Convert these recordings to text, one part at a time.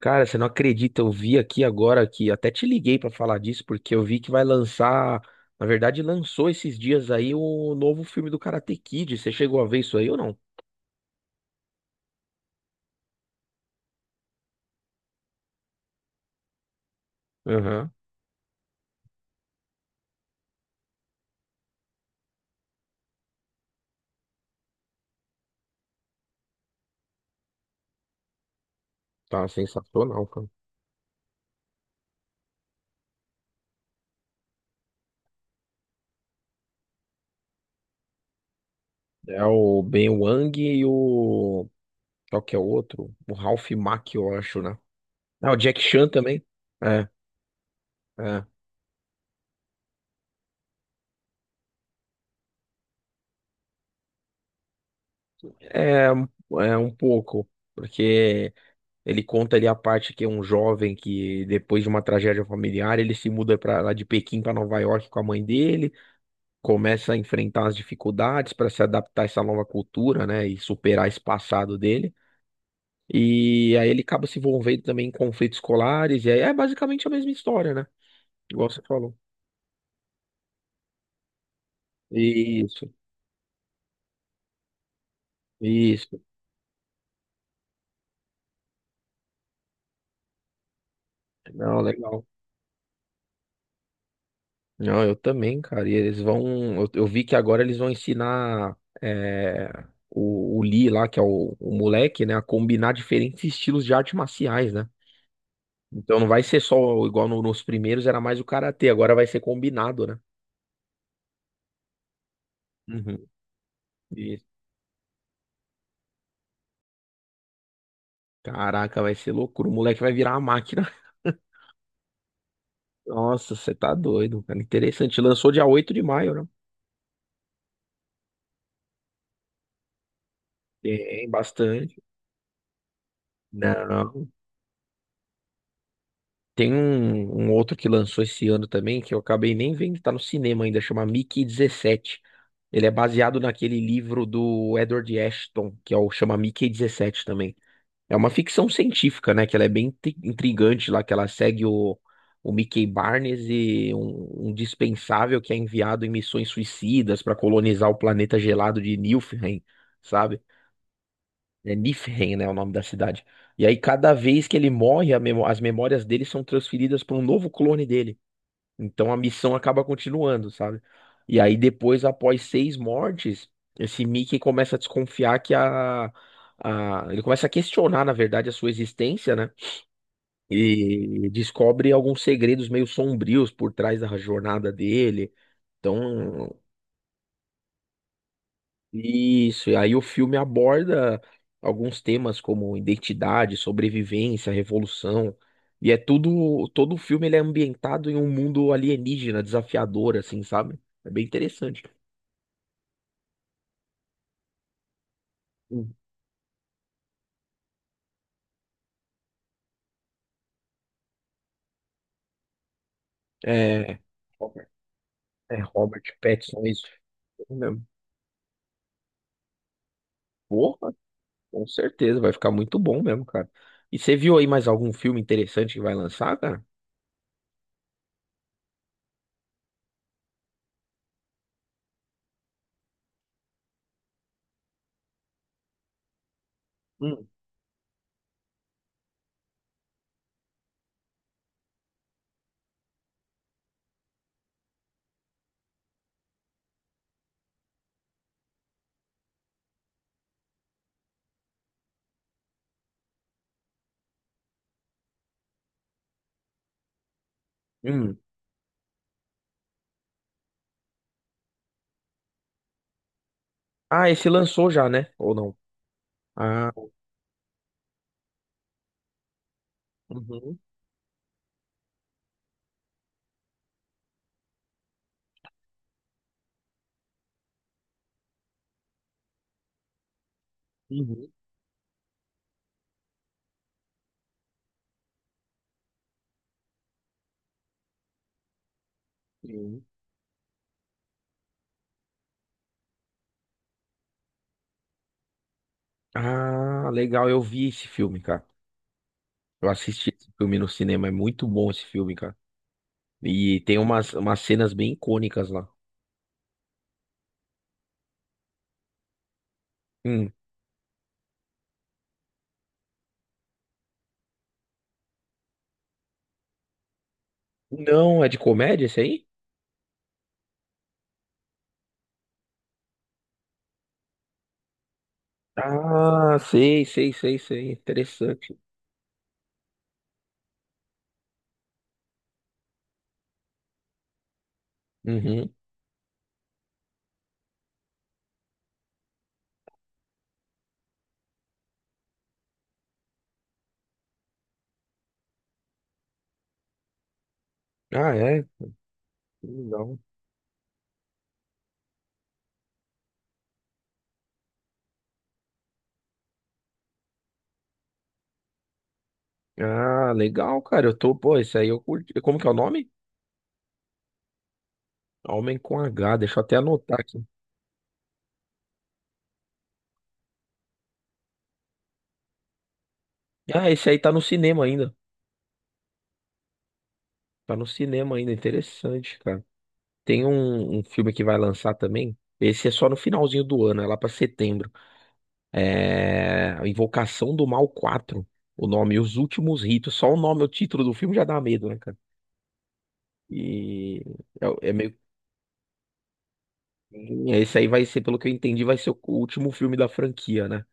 Cara, você não acredita, eu vi aqui agora que até te liguei pra falar disso, porque eu vi que vai lançar, na verdade, lançou esses dias aí o novo filme do Karate Kid. Você chegou a ver isso aí ou não? Aham. Tá sensacional, cara. É o Ben Wang e o. Qual que é o outro? O Ralph Macchio, eu acho, né? Ah, o Jack Chan também. É, é. É, é um pouco, porque. Ele conta ali a parte que é um jovem que, depois de uma tragédia familiar, ele se muda para lá de Pequim para Nova York com a mãe dele, começa a enfrentar as dificuldades para se adaptar a essa nova cultura, né, e superar esse passado dele. E aí ele acaba se envolvendo também em conflitos escolares, e aí é basicamente a mesma história, né? Igual você falou. Isso, isso. Não, legal. Não, eu também, cara. E eles vão. Eu vi que agora eles vão ensinar o Lee lá, que é o moleque, né, a combinar diferentes estilos de artes marciais, né? Então não vai ser só igual no- nos primeiros, era mais o karatê, agora vai ser combinado, né? Uhum. E, caraca, vai ser loucura. O moleque vai virar uma máquina. Nossa, você tá doido, cara. Interessante. Lançou dia 8 de maio, né? Tem bastante. Não. Tem um outro que lançou esse ano também, que eu acabei nem vendo, tá no cinema ainda, chama Mickey 17. Ele é baseado naquele livro do Edward Ashton, que é o chama Mickey 17 também. É uma ficção científica, né? Que ela é bem intrigante lá, que ela segue o Mickey Barnes e um dispensável que é enviado em missões suicidas para colonizar o planeta gelado de Niflheim, sabe? É Niflheim, né, é o nome da cidade. E aí, cada vez que ele morre, as memórias dele são transferidas para um novo clone dele. Então, a missão acaba continuando, sabe? E aí, depois, após seis mortes, esse Mickey começa a desconfiar que ele começa a questionar, na verdade, a sua existência, né? E descobre alguns segredos meio sombrios por trás da jornada dele. Então, Isso, e aí o filme aborda alguns temas como identidade, sobrevivência, revolução, e é todo o filme ele é ambientado em um mundo alienígena, desafiador, assim, sabe? É bem interessante. Hum. É, Robert, é Robert Pattinson, é isso mesmo. Porra, com certeza, vai ficar muito bom mesmo, cara. E você viu aí mais algum filme interessante que vai lançar, cara? Hum. Hum. Ah, esse lançou já, né? Ou não? Ah, uhum, uhum, uhum. Ah, legal, eu vi esse filme, cara. Eu assisti esse filme no cinema, é muito bom esse filme, cara. E tem umas cenas bem icônicas lá. Hum. Não, é de comédia esse aí? Ah, sei, sei, sei, sei. Interessante. Uhum. Ah, é? Legal. Ah, legal, cara. Pô, esse aí eu curti. Como que é o nome? Homem com H, deixa eu até anotar aqui. Ah, esse aí tá no cinema ainda. Tá no cinema ainda, interessante, cara. Tem um filme que vai lançar também. Esse é só no finalzinho do ano, é lá pra setembro. É a Invocação do Mal 4. O nome, Os Últimos Ritos. Só o nome, o título do filme já dá medo, né, cara? E é, é meio. Esse aí vai ser, pelo que eu entendi, vai ser o último filme da franquia, né?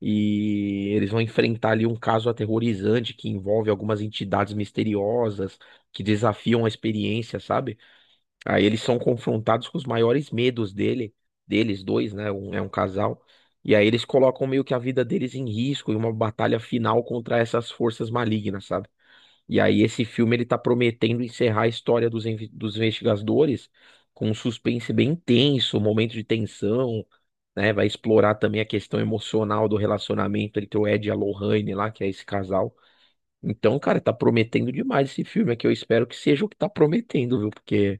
E eles vão enfrentar ali um caso aterrorizante que envolve algumas entidades misteriosas que desafiam a experiência, sabe? Aí eles são confrontados com os maiores medos deles dois, né? É um casal. E aí eles colocam meio que a vida deles em risco em uma batalha final contra essas forças malignas, sabe? E aí esse filme ele tá prometendo encerrar a história dos investigadores com um suspense bem intenso, um momento de tensão, né? Vai explorar também a questão emocional do relacionamento entre o Ed e a Lorraine lá, que é esse casal. Então, cara, tá prometendo demais esse filme, é que eu espero que seja o que tá prometendo, viu? Porque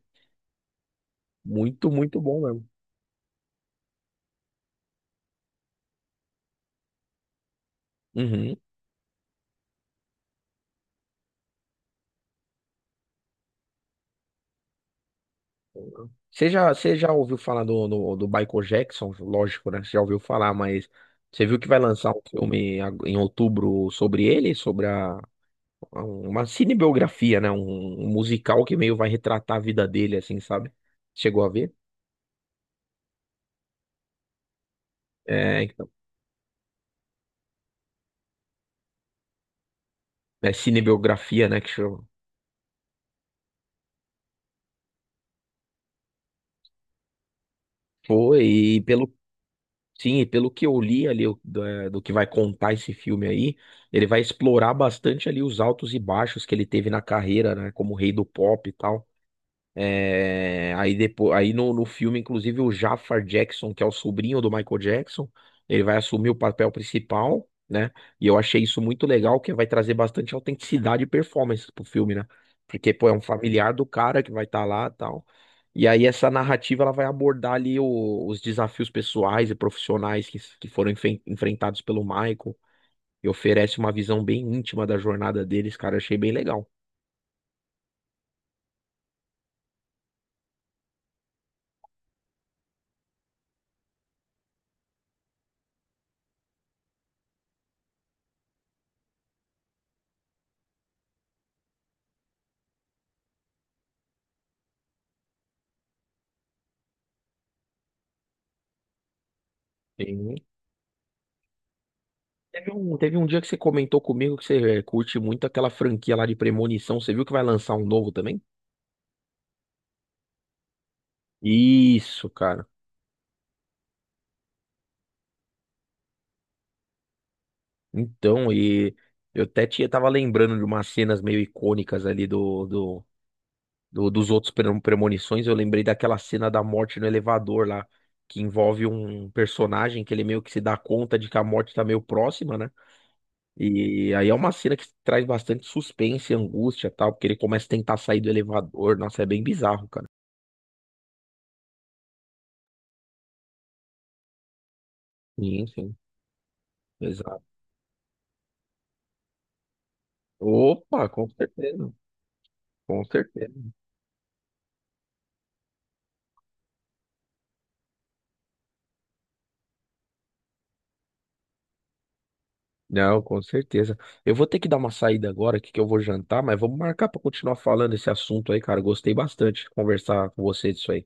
muito, muito bom mesmo. Uhum. Você já ouviu falar do Michael Jackson? Lógico, né? Você já ouviu falar, mas você viu que vai lançar um filme em outubro sobre ele? Uma cinebiografia, né? Um musical que meio vai retratar a vida dele, assim, sabe? Chegou a ver? É, então. É cinebiografia, né? Que chama. Foi, e pelo Sim, e pelo que eu li ali o- da- do, que vai contar esse filme aí, ele vai explorar bastante ali os altos e baixos que ele teve na carreira, né? Como rei do pop e tal. É, aí depois, aí no, no filme, inclusive, o Jafar Jackson, que é o sobrinho do Michael Jackson, ele vai assumir o papel principal, né? E eu achei isso muito legal, que vai trazer bastante autenticidade e performance pro filme, né? Porque, pô, é um familiar do cara que vai estar lá e tal. E aí essa narrativa ela vai abordar os desafios pessoais e profissionais que foram enfrentados pelo Michael e oferece uma visão bem íntima da jornada deles, cara. Achei bem legal. Sim. Teve um dia que você comentou comigo que você curte muito aquela franquia lá de Premonição. Você viu que vai lançar um novo também? Isso, cara. Então, e eu até tava lembrando de umas cenas meio icônicas ali dos outros Premonições. Eu lembrei daquela cena da morte no elevador lá, que envolve um personagem que ele meio que se dá conta de que a morte tá meio próxima, né? E aí é uma cena que traz bastante suspense, angústia e tal, porque ele começa a tentar sair do elevador. Nossa, é bem bizarro, cara. Sim, sim. Opa, com certeza, com certeza. Não, com certeza. Eu vou ter que dar uma saída agora, que eu vou jantar, mas vamos marcar para continuar falando esse assunto aí, cara. Gostei bastante de conversar com você disso aí.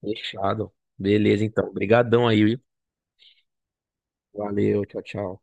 Fechado. Beleza, então. Obrigadão aí, viu? Valeu, tchau, tchau.